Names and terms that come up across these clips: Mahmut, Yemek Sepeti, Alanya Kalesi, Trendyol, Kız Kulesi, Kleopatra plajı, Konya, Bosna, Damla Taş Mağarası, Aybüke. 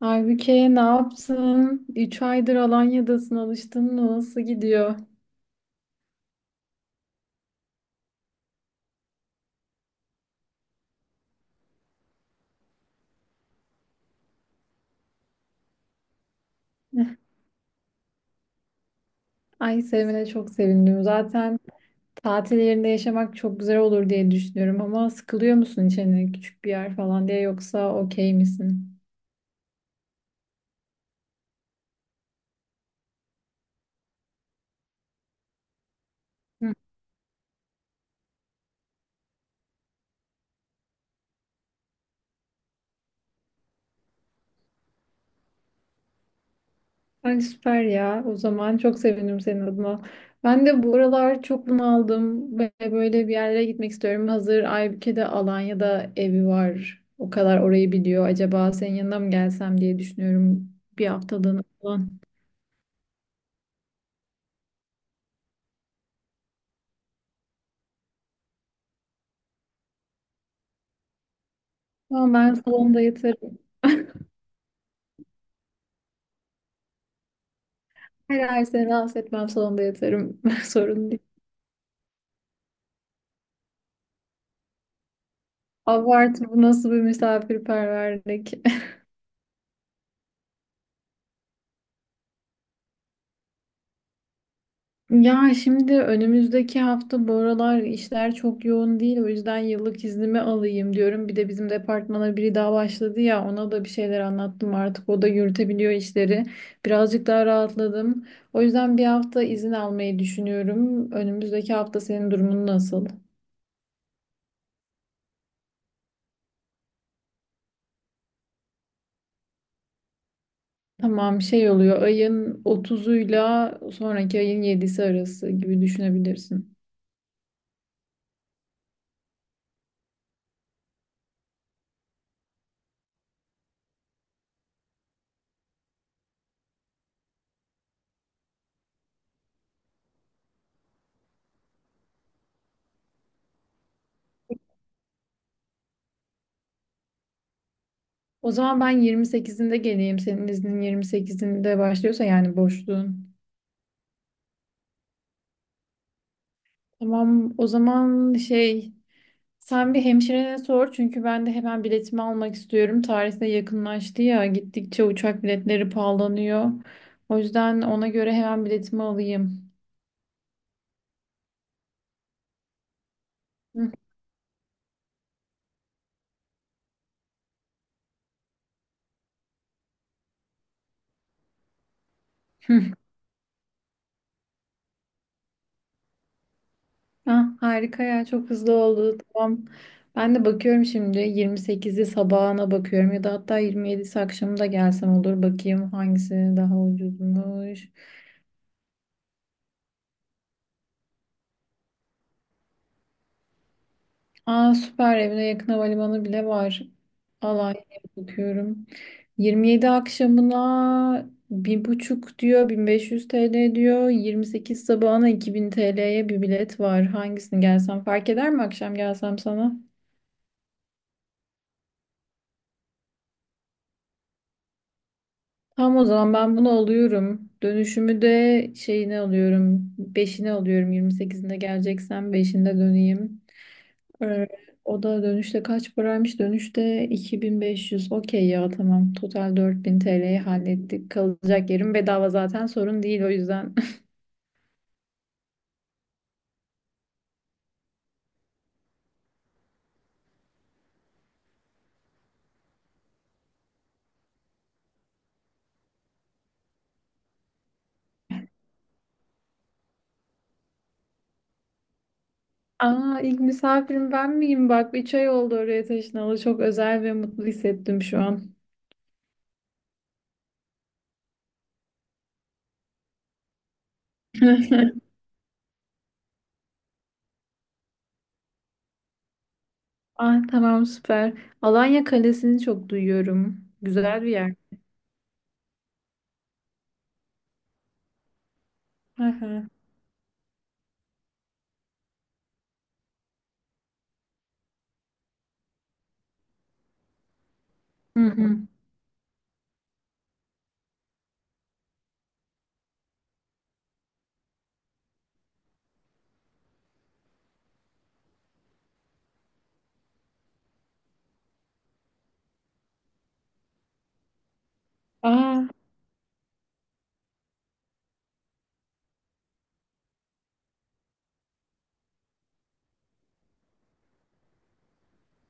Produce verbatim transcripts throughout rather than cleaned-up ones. Aybüke ne yaptın? Üç aydır Alanya'dasın alıştın mı? Nasıl gidiyor? Eh, Ay sevmene çok sevindim. Zaten tatil yerinde yaşamak çok güzel olur diye düşünüyorum ama sıkılıyor musun içine küçük bir yer falan diye yoksa okey misin? Ay süper ya. O zaman çok sevinirim senin adına. Ben de bu aralar çok bunaldım ve böyle bir yerlere gitmek istiyorum. Hazır Aybüke'de Alanya'da evi var. O kadar orayı biliyor. Acaba senin yanına mı gelsem diye düşünüyorum. Bir haftalığına falan. Ama ben salonda yatarım. Her ay seni rahatsız etmem salonda yatarım. Sorun değil. Abartı bu nasıl bir misafirperverlik. Ya şimdi önümüzdeki hafta bu aralar işler çok yoğun değil. O yüzden yıllık iznimi alayım diyorum. Bir de bizim departmana biri daha başladı ya ona da bir şeyler anlattım artık. O da yürütebiliyor işleri. Birazcık daha rahatladım. O yüzden bir hafta izin almayı düşünüyorum. Önümüzdeki hafta senin durumun nasıl? Tamam şey oluyor ayın otuzuyla sonraki ayın yedisi arası gibi düşünebilirsin. O zaman ben yirmi sekizinde geleyim. Senin iznin yirmi sekizinde başlıyorsa yani boşluğun. Tamam o zaman şey sen bir hemşirene sor çünkü ben de hemen biletimi almak istiyorum. Tarih de yakınlaştı ya gittikçe uçak biletleri pahalanıyor. O yüzden ona göre hemen biletimi alayım. Hı. Hı. Ah, harika ya çok hızlı oldu tamam. Ben de bakıyorum şimdi yirmi sekizi sabahına bakıyorum ya da hatta yirmi yedisi akşamı da gelsem olur bakayım hangisi daha ucuzmuş. Aa süper evine yakın havalimanı bile var. Alanya'ya bakıyorum. yirmi yedi akşamına bir buçuk diyor bin beş yüz T L diyor. yirmi sekiz sabahına iki bin T L'ye bir bilet var. Hangisini gelsem fark eder mi akşam gelsem sana? Tamam o zaman ben bunu alıyorum. Dönüşümü de şeyini alıyorum. Beşini alıyorum. yirmi sekizinde geleceksem beşinde döneyim. Ee, O da dönüşte kaç paraymış? Dönüşte iki bin beş yüz. Okey ya tamam. Total dört bin T L'yi hallettik. Kalacak yerim bedava zaten sorun değil o yüzden. Aa ilk misafirim ben miyim? Bak üç ay oldu oraya taşınalı. Çok özel ve mutlu hissettim şu an. Ah tamam süper. Alanya Kalesi'ni çok duyuyorum. Güzel bir yer. Hı hı. Hı hı. Aa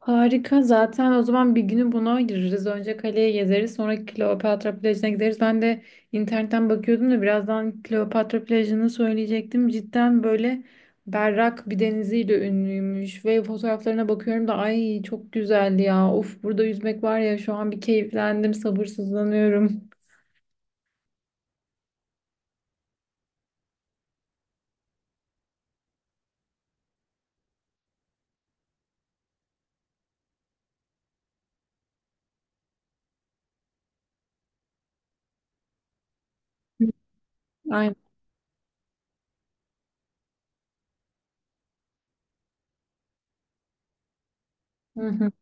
Harika. Zaten o zaman bir günü buna ayırırız. Önce kaleye gezeriz, sonra Kleopatra plajına gideriz. Ben de internetten bakıyordum da birazdan Kleopatra plajını söyleyecektim. Cidden böyle berrak bir deniziyle ünlüymüş ve fotoğraflarına bakıyorum da ay çok güzeldi ya. Of burada yüzmek var ya şu an bir keyiflendim, sabırsızlanıyorum. Aynen. Hı hı.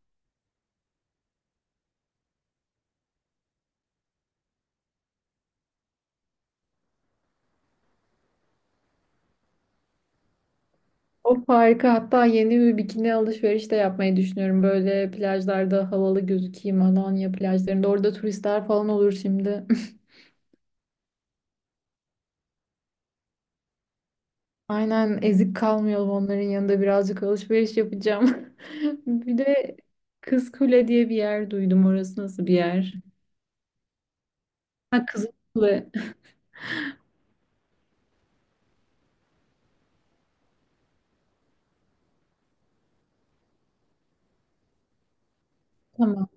Of harika. Hatta yeni bir bikini alışveriş de yapmayı düşünüyorum. Böyle plajlarda havalı gözükeyim. Alanya plajlarında. Orada turistler falan olur şimdi. Aynen ezik kalmayalım onların yanında birazcık alışveriş yapacağım. Bir de kızkule diye bir yer duydum. Orası nasıl bir yer? Ha Kız Tamam.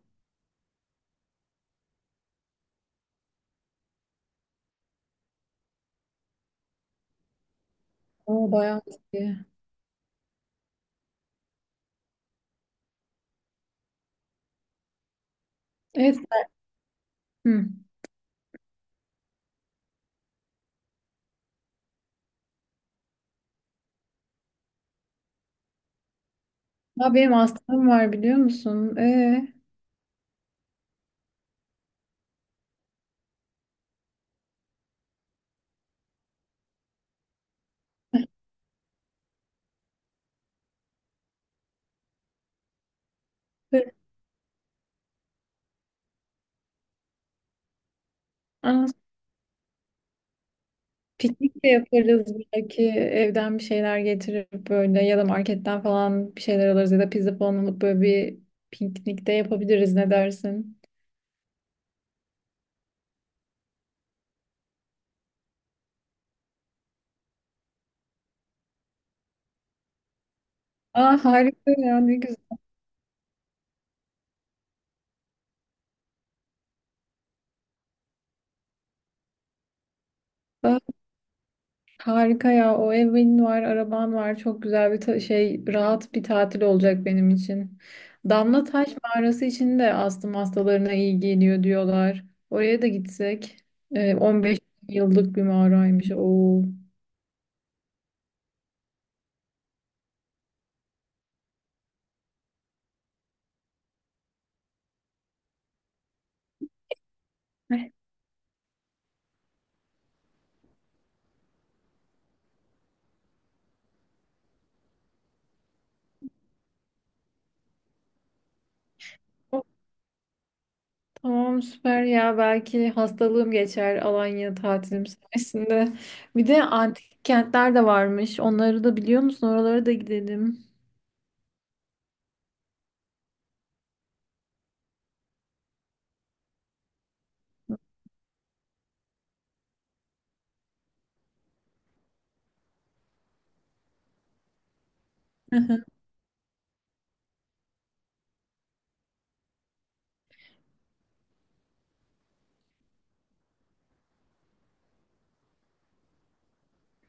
O bayağı eski. Evet. Hı. Ya benim hastam var biliyor musun? Ee, böyle- Aa, Piknik de yaparız belki evden bir şeyler getirip böyle ya da marketten falan bir şeyler alırız ya da pizza falan alıp böyle bir piknik de yapabiliriz ne dersin? Aa harika ya ne güzel. Harika ya. O evin var, araban var. Çok güzel bir ta- şey, rahat bir tatil olacak benim için. Damla Taş Mağarası için de astım hastalarına iyi geliyor diyorlar. Oraya da gitsek. Ee, on beş yıllık bir mağaraymış. Oo. Eh, oh, Tamam süper ya. Belki hastalığım geçer Alanya tatilim sayesinde. Bir de antik kentler de varmış. Onları da biliyor musun? Oralara da gidelim.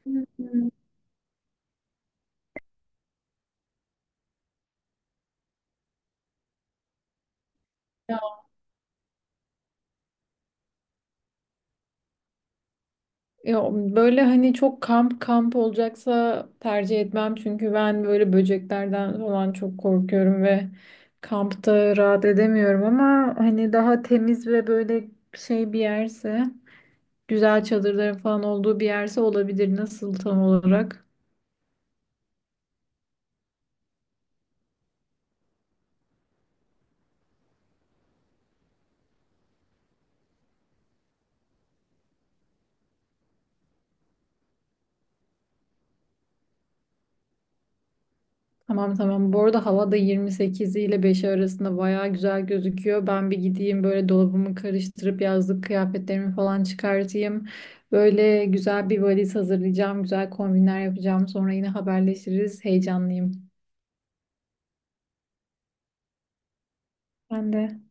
Ya böyle hani çok kamp kamp olacaksa tercih etmem çünkü ben böyle böceklerden falan çok korkuyorum ve kampta rahat edemiyorum ama hani daha temiz ve böyle şey bir yerse güzel çadırların falan olduğu bir yerse olabilir. Nasıl tam olarak? Tamam tamam. Bu arada hava da yirmi sekiz ile beş arasında bayağı güzel gözüküyor. Ben bir gideyim böyle dolabımı karıştırıp yazlık kıyafetlerimi falan çıkartayım. Böyle güzel bir valiz hazırlayacağım. Güzel kombinler yapacağım. Sonra yine haberleşiriz. Heyecanlıyım. Ben de.